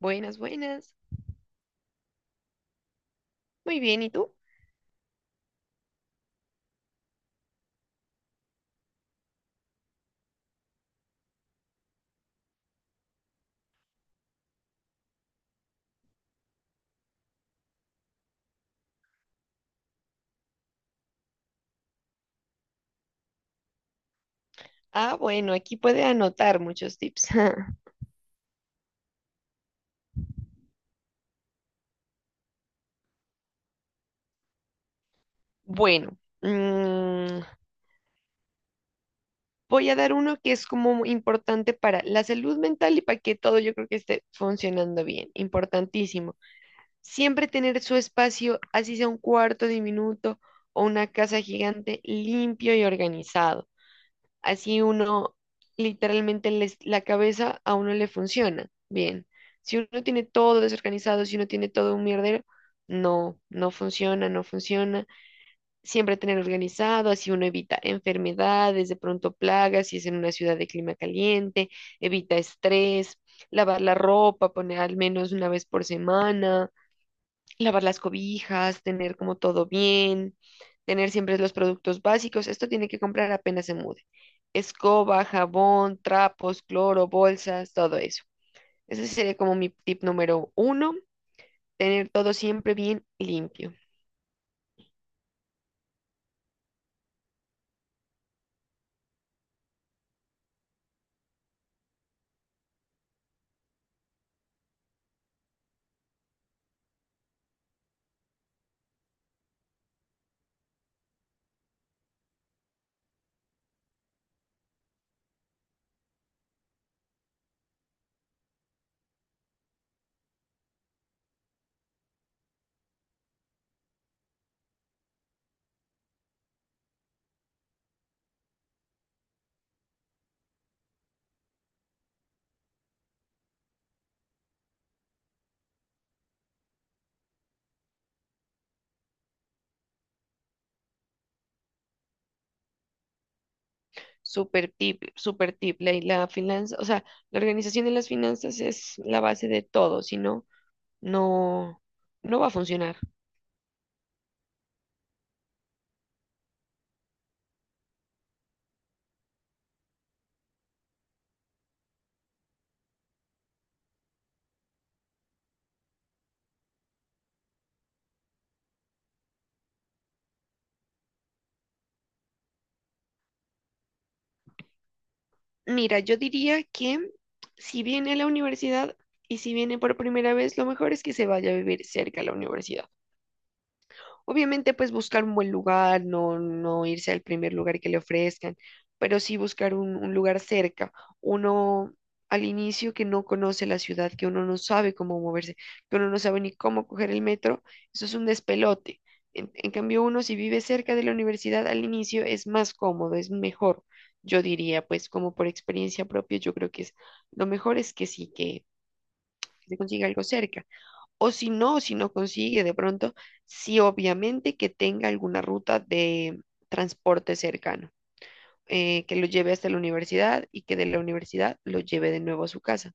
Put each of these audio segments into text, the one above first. Buenas, buenas. Muy bien, ¿y tú? Ah, bueno, aquí puede anotar muchos tips. Bueno, mm, voy a dar uno que es como muy importante para la salud mental y para que todo yo creo que esté funcionando bien. Importantísimo. Siempre tener su espacio, así sea un cuarto diminuto o una casa gigante, limpio y organizado. Así uno, la cabeza a uno le funciona bien. Si uno tiene todo desorganizado, si uno tiene todo un mierdero, no, no funciona, no funciona. Siempre tener organizado, así uno evita enfermedades, de pronto plagas, si es en una ciudad de clima caliente, evita estrés, lavar la ropa, poner al menos una vez por semana lavar las cobijas, tener como todo bien, tener siempre los productos básicos. Esto tiene que comprar apenas se mude. Escoba, jabón, trapos, cloro, bolsas, todo eso. Ese sería como mi tip número uno, tener todo siempre bien limpio. Super tip, super tip. La finanza, o sea, la organización de las finanzas es la base de todo, si no, no, no va a funcionar. Mira, yo diría que si viene a la universidad y si viene por primera vez, lo mejor es que se vaya a vivir cerca a la universidad. Obviamente, pues buscar un buen lugar, no, no irse al primer lugar que le ofrezcan, pero sí buscar un lugar cerca. Uno al inicio que no conoce la ciudad, que uno no sabe cómo moverse, que uno no sabe ni cómo coger el metro, eso es un despelote. En cambio, uno si vive cerca de la universidad al inicio es más cómodo, es mejor. Yo diría, pues como por experiencia propia, yo creo que es lo mejor es que sí, que se consiga algo cerca. O si no, si no consigue de pronto, sí, obviamente que tenga alguna ruta de transporte cercano, que lo lleve hasta la universidad y que de la universidad lo lleve de nuevo a su casa.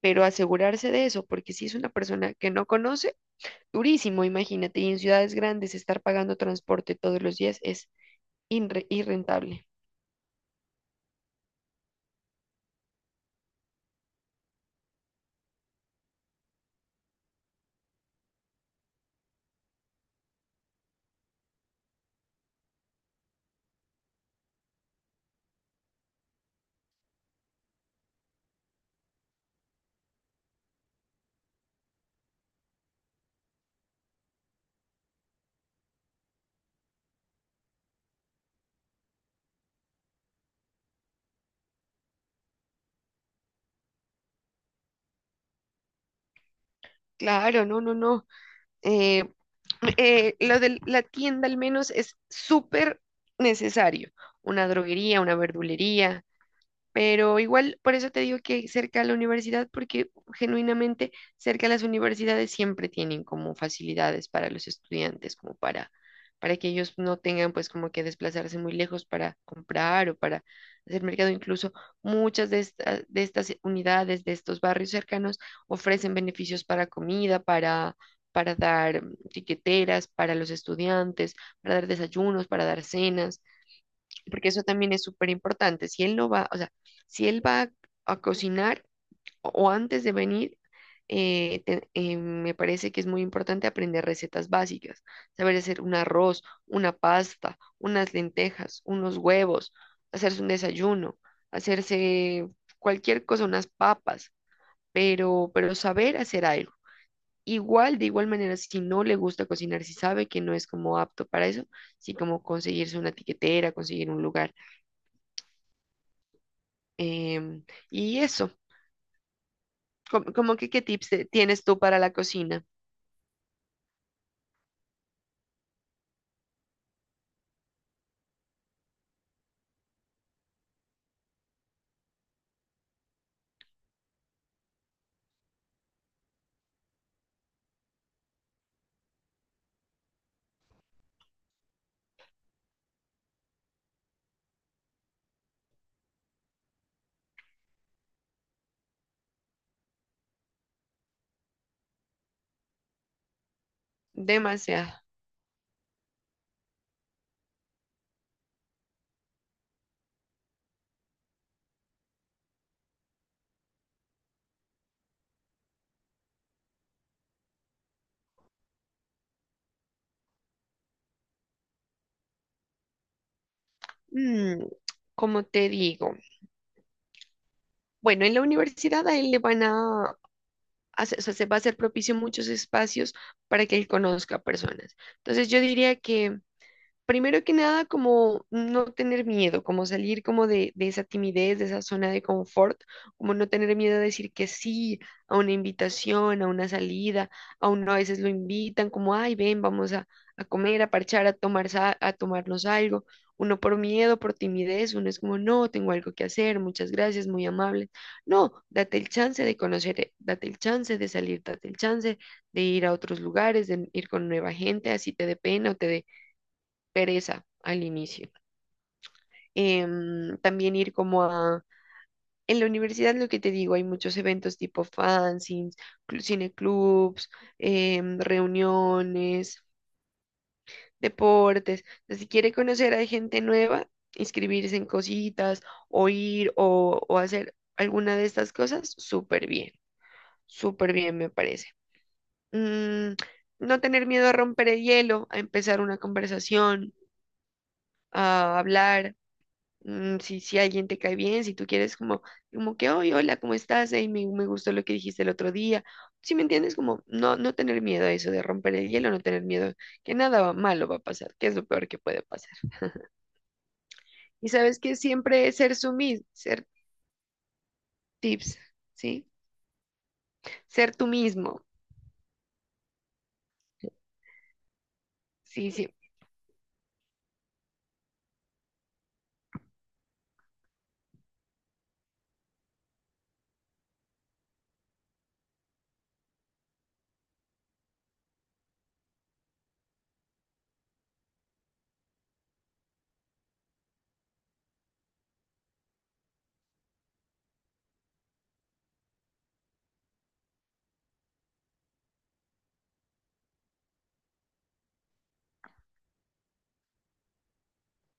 Pero asegurarse de eso, porque si es una persona que no conoce, durísimo, imagínate, y en ciudades grandes estar pagando transporte todos los días es irrentable. Claro, no, no, no. Eh, lo de la tienda al menos es súper necesario. Una droguería, una verdulería. Pero igual, por eso te digo que cerca a la universidad, porque genuinamente cerca a las universidades siempre tienen como facilidades para los estudiantes, para que ellos no tengan pues como que desplazarse muy lejos para comprar o para hacer mercado. Incluso muchas de estas unidades, de estos barrios cercanos, ofrecen beneficios para dar tiqueteras, para los estudiantes, para dar desayunos, para dar cenas porque eso también es súper importante. Si él va a cocinar o antes de venir, me parece que es muy importante aprender recetas básicas, saber hacer un arroz, una pasta, unas lentejas, unos huevos, hacerse un desayuno, hacerse cualquier cosa, unas papas, pero saber hacer algo. Igual, de igual manera, si no le gusta cocinar, si sabe que no es como apto para eso, sí como conseguirse una tiquetera, conseguir un lugar. Em, y eso, ¿como que qué tienes tú para la cocina? Demasiado. Mm, como te digo, bueno, en la universidad a él le van a, hacer- o sea, se va a hacer propicio muchos espacios para que él conozca personas. Entonces yo diría que primero que nada, como no tener miedo, como salir como de esa timidez, de esa zona de confort, como no tener miedo a decir que sí a una invitación, a una salida, a uno a veces lo invitan como, ay, ven, a comer, a parchar, a tomarnos algo. Uno por miedo, por timidez, uno es como, no, tengo algo que hacer, muchas gracias, muy amable. No, date el chance de conocer, date el chance de salir, date el chance de ir a otros lugares, de ir con nueva gente, así te dé pena o te dé pereza al inicio. También ir como a... En la universidad, lo que te digo, hay muchos eventos tipo fanzines, cineclubs, reuniones, deportes. Entonces, si quiere conocer a gente nueva, inscribirse en cositas o hacer alguna de estas cosas, súper bien me parece. Mm, no tener miedo a romper el hielo, a empezar una conversación, a hablar, si, si alguien te cae bien, si tú quieres como, como que, hoy hola, ¿cómo estás? Ey, me gustó lo que dijiste el otro día. ¿Si me entiendes? Como no, no tener miedo a eso de romper el hielo, no tener miedo que nada va- malo va a pasar, que es lo peor que puede pasar. Y sabes que siempre es ser tips, ¿sí? Ser tú mismo. Sí, sí,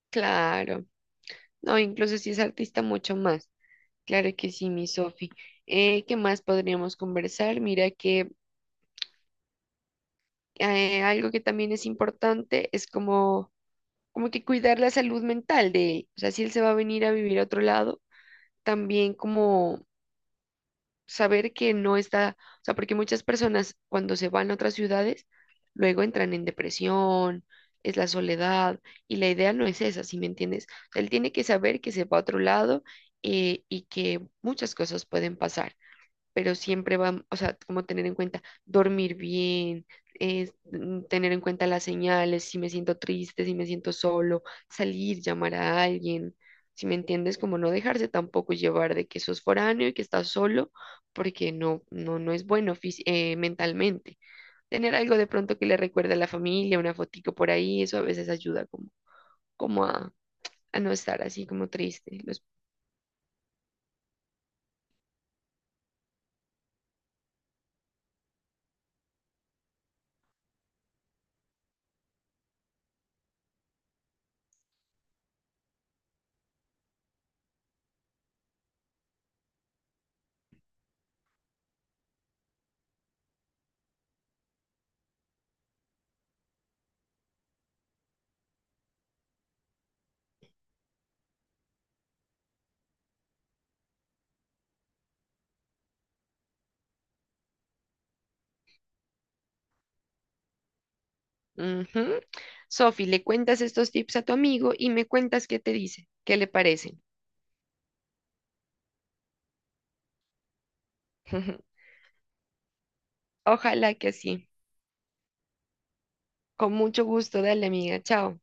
claro. No, incluso si es artista, mucho más. Claro que sí, mi Sofi. ¿Qué más podríamos conversar? Mira que algo que también es importante es como que cuidar la salud mental de él. O sea, si él se va a venir a vivir a otro lado, también como saber que no está, o sea, porque muchas personas cuando se van a otras ciudades, luego entran en depresión, es la soledad, y la idea no es esa, ¿si me entiendes? O sea, él tiene que saber que se va a otro lado, y que muchas cosas pueden pasar, pero siempre vamos, o sea, como tener en cuenta dormir bien, tener en cuenta las señales, si me siento triste, si me siento solo, salir, llamar a alguien, si me entiendes, como no dejarse tampoco llevar de que sos foráneo y que estás solo, porque no, no, no es bueno mentalmente. Tener algo de pronto que le recuerde a la familia, una fotico por ahí, eso a veces ayuda como a no estar así como triste. Los. Ujú. Sofi, le cuentas estos tips a tu amigo y me cuentas qué te dice, qué le parecen. Ojalá que sí. Con mucho gusto, dale, amiga. Chao.